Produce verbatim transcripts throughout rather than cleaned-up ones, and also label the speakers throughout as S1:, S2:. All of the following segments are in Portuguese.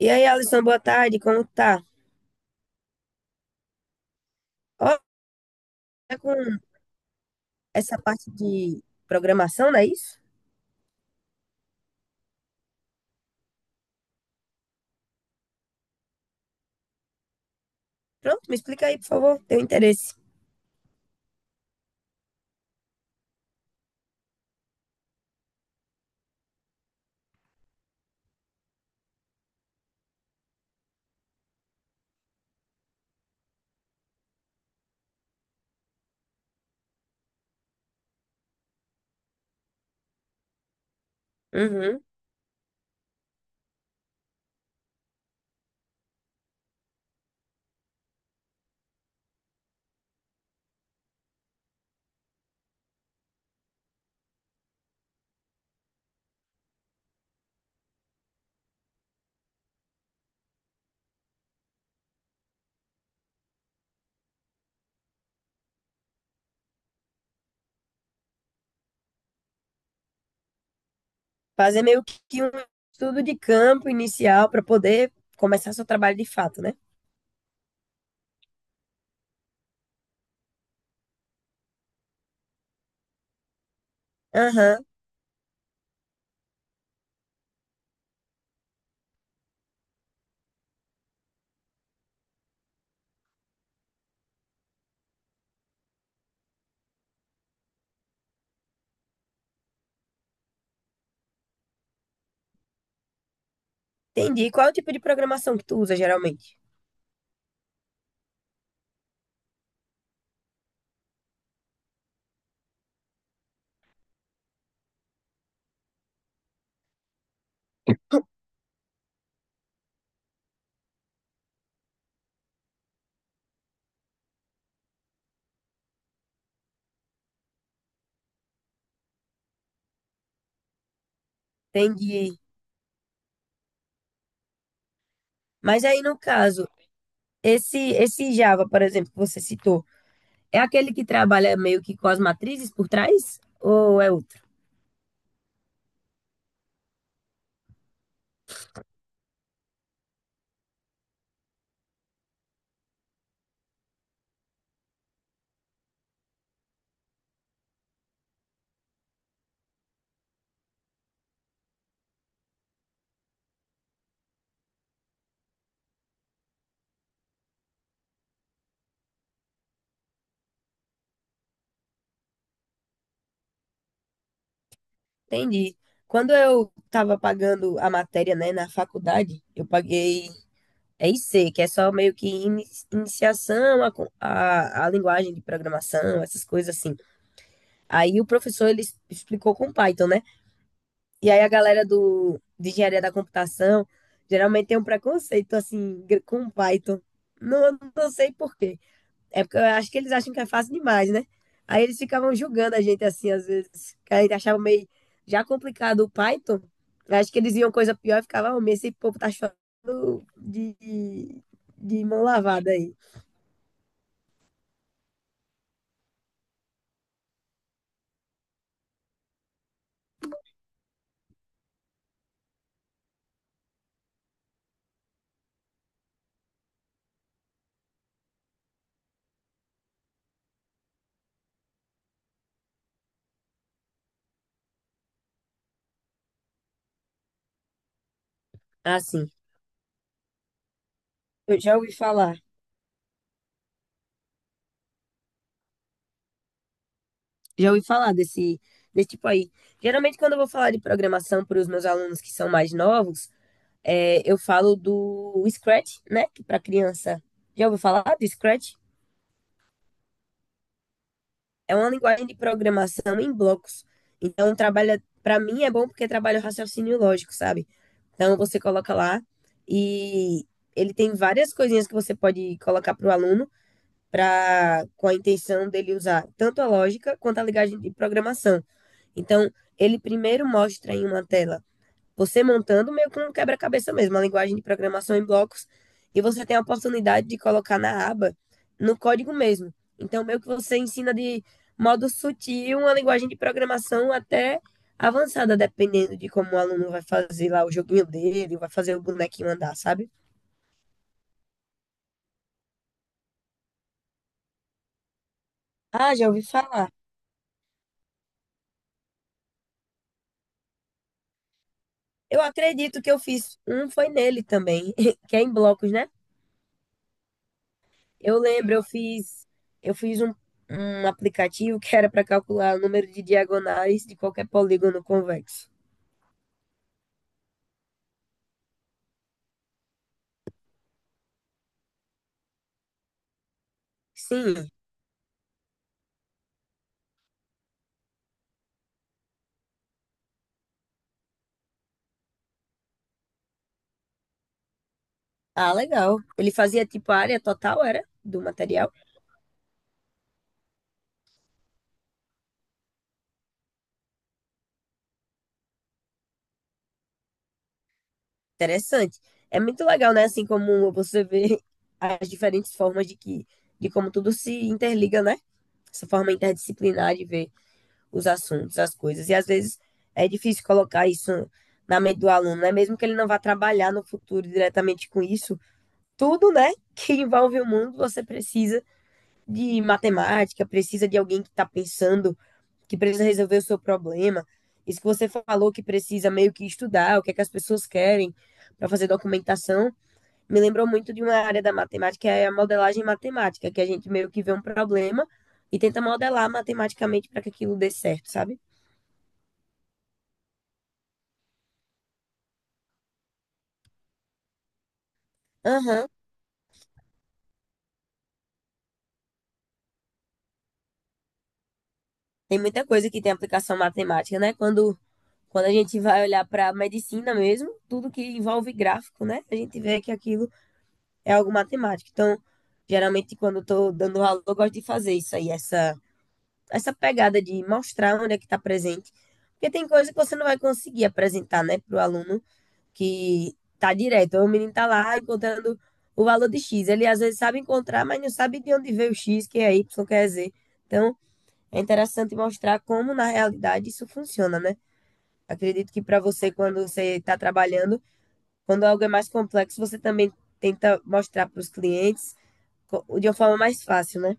S1: E aí, Alisson, boa tarde, como tá? Ó, tá com essa parte de programação, não é isso? Pronto, me explica aí, por favor, tenho interesse. Uhum. Fazer meio que um estudo de campo inicial para poder começar seu trabalho de fato, né? Aham, entendi. Qual é o tipo de programação que tu usa geralmente? Entendi. Mas aí, no caso, esse, esse Java, por exemplo, que você citou, é aquele que trabalha meio que com as matrizes por trás? Ou é outro? Entendi. Quando eu estava pagando a matéria, né, na faculdade, eu paguei E I C, que é só meio que ini- iniciação à, co- à, à linguagem de programação, essas coisas assim. Aí o professor, ele es- explicou com Python, né? E aí a galera do, de engenharia da computação geralmente tem um preconceito, assim, gr- com Python. Não, não sei por quê. É porque eu acho que eles acham que é fácil demais, né? Aí eles ficavam julgando a gente assim, às vezes, que a gente achava meio já complicado o Python. Eu acho que eles iam coisa pior e ficava, oh, esse povo tá chorando de, de, de mão lavada aí. Assim, eu já ouvi falar, já ouvi falar desse, desse tipo aí. Geralmente, quando eu vou falar de programação para os meus alunos que são mais novos, é, eu falo do Scratch, né? Que para criança. Já ouviu falar do Scratch? É uma linguagem de programação em blocos. Então, trabalha, para mim é bom porque trabalha o raciocínio lógico, sabe? Então, você coloca lá e ele tem várias coisinhas que você pode colocar para o aluno para com a intenção dele usar tanto a lógica quanto a linguagem de programação. Então, ele primeiro mostra em uma tela você montando meio que um quebra-cabeça mesmo, uma linguagem de programação em blocos, e você tem a oportunidade de colocar na aba, no código mesmo. Então, meio que você ensina de modo sutil uma linguagem de programação até avançada, dependendo de como o aluno vai fazer lá o joguinho dele, vai fazer o bonequinho andar, sabe? Ah, já ouvi falar. Eu acredito que eu fiz um, foi nele também, que é em blocos, né? Eu lembro, eu fiz, eu fiz um, um aplicativo que era para calcular o número de diagonais de qualquer polígono convexo. Sim. Ah, legal. Ele fazia tipo a área total, era, do material. Interessante. É muito legal, né? Assim como você vê as diferentes formas de que, de como tudo se interliga, né? Essa forma interdisciplinar de ver os assuntos, as coisas. E às vezes é difícil colocar isso na mente do aluno, né? Mesmo que ele não vá trabalhar no futuro diretamente com isso, tudo, né, que envolve o mundo, você precisa de matemática, precisa de alguém que está pensando, que precisa resolver o seu problema. Isso que você falou que precisa meio que estudar, o que é que as pessoas querem para fazer documentação, me lembrou muito de uma área da matemática, que é a modelagem matemática, que a gente meio que vê um problema e tenta modelar matematicamente para que aquilo dê certo, sabe? Aham. Tem muita coisa que tem aplicação matemática, né? Quando, quando a gente vai olhar para a medicina mesmo, tudo que envolve gráfico, né? A gente vê que aquilo é algo matemático. Então, geralmente, quando eu estou dando aula, eu gosto de fazer isso aí, essa, essa pegada de mostrar onde é que está presente. Porque tem coisa que você não vai conseguir apresentar, né, para o aluno que está direto. O menino está lá encontrando o valor de X. Ele às vezes sabe encontrar, mas não sabe de onde veio o X, que é Y, que é Z. Então, é interessante mostrar como, na realidade, isso funciona, né? Acredito que para você, quando você está trabalhando, quando algo é mais complexo, você também tenta mostrar para os clientes co- de uma forma mais fácil, né?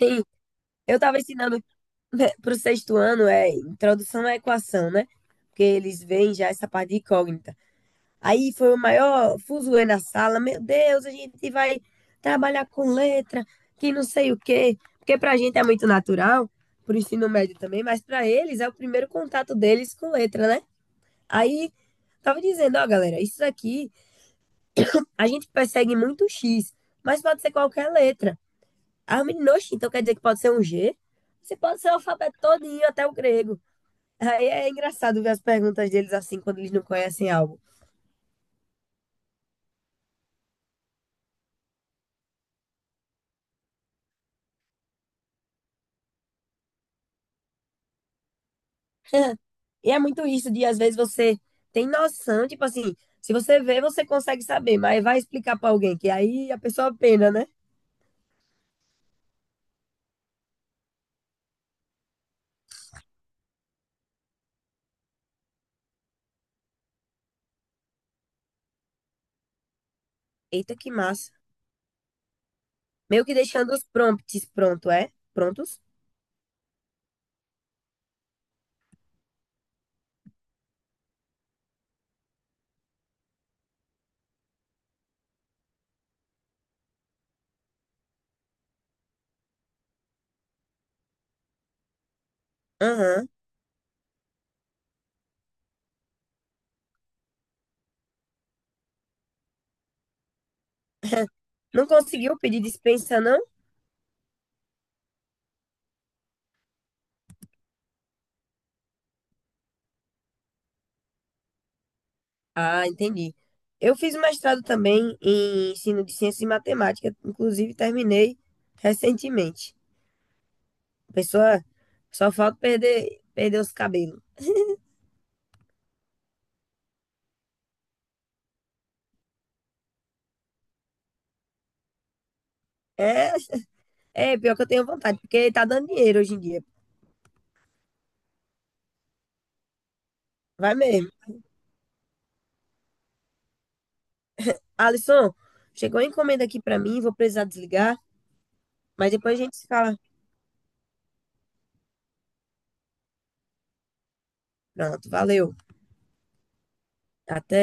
S1: Sim, eu estava ensinando para o sexto ano, é introdução à equação, né? Porque eles veem já essa parte de incógnita. Aí foi o maior fuzuê na sala. Meu Deus, a gente vai trabalhar com letra, que não sei o quê. Porque pra gente é muito natural, pro ensino médio também, mas pra eles é o primeiro contato deles com letra, né? Aí tava dizendo, ó, galera, isso aqui a gente persegue muito X, mas pode ser qualquer letra. Ah, menino, então quer dizer que pode ser um G? Você pode ser o alfabeto todinho, até o grego. Aí é engraçado ver as perguntas deles assim, quando eles não conhecem algo. E é muito isso de, às vezes, você tem noção, tipo assim, se você vê, você consegue saber, mas vai explicar pra alguém, que aí a pessoa pena, né? Eita, que massa. Meio que deixando os prompts pronto, é? Prontos? Aham. Não conseguiu pedir dispensa, não? Ah, entendi. Eu fiz um mestrado também em ensino de ciência e matemática, inclusive terminei recentemente. A pessoa, só falta perder, perder os cabelos. É, é pior que eu tenho vontade, porque tá dando dinheiro hoje em dia. Vai mesmo. Alisson, chegou a encomenda aqui pra mim, vou precisar desligar, mas depois a gente se fala. Pronto, valeu. Até.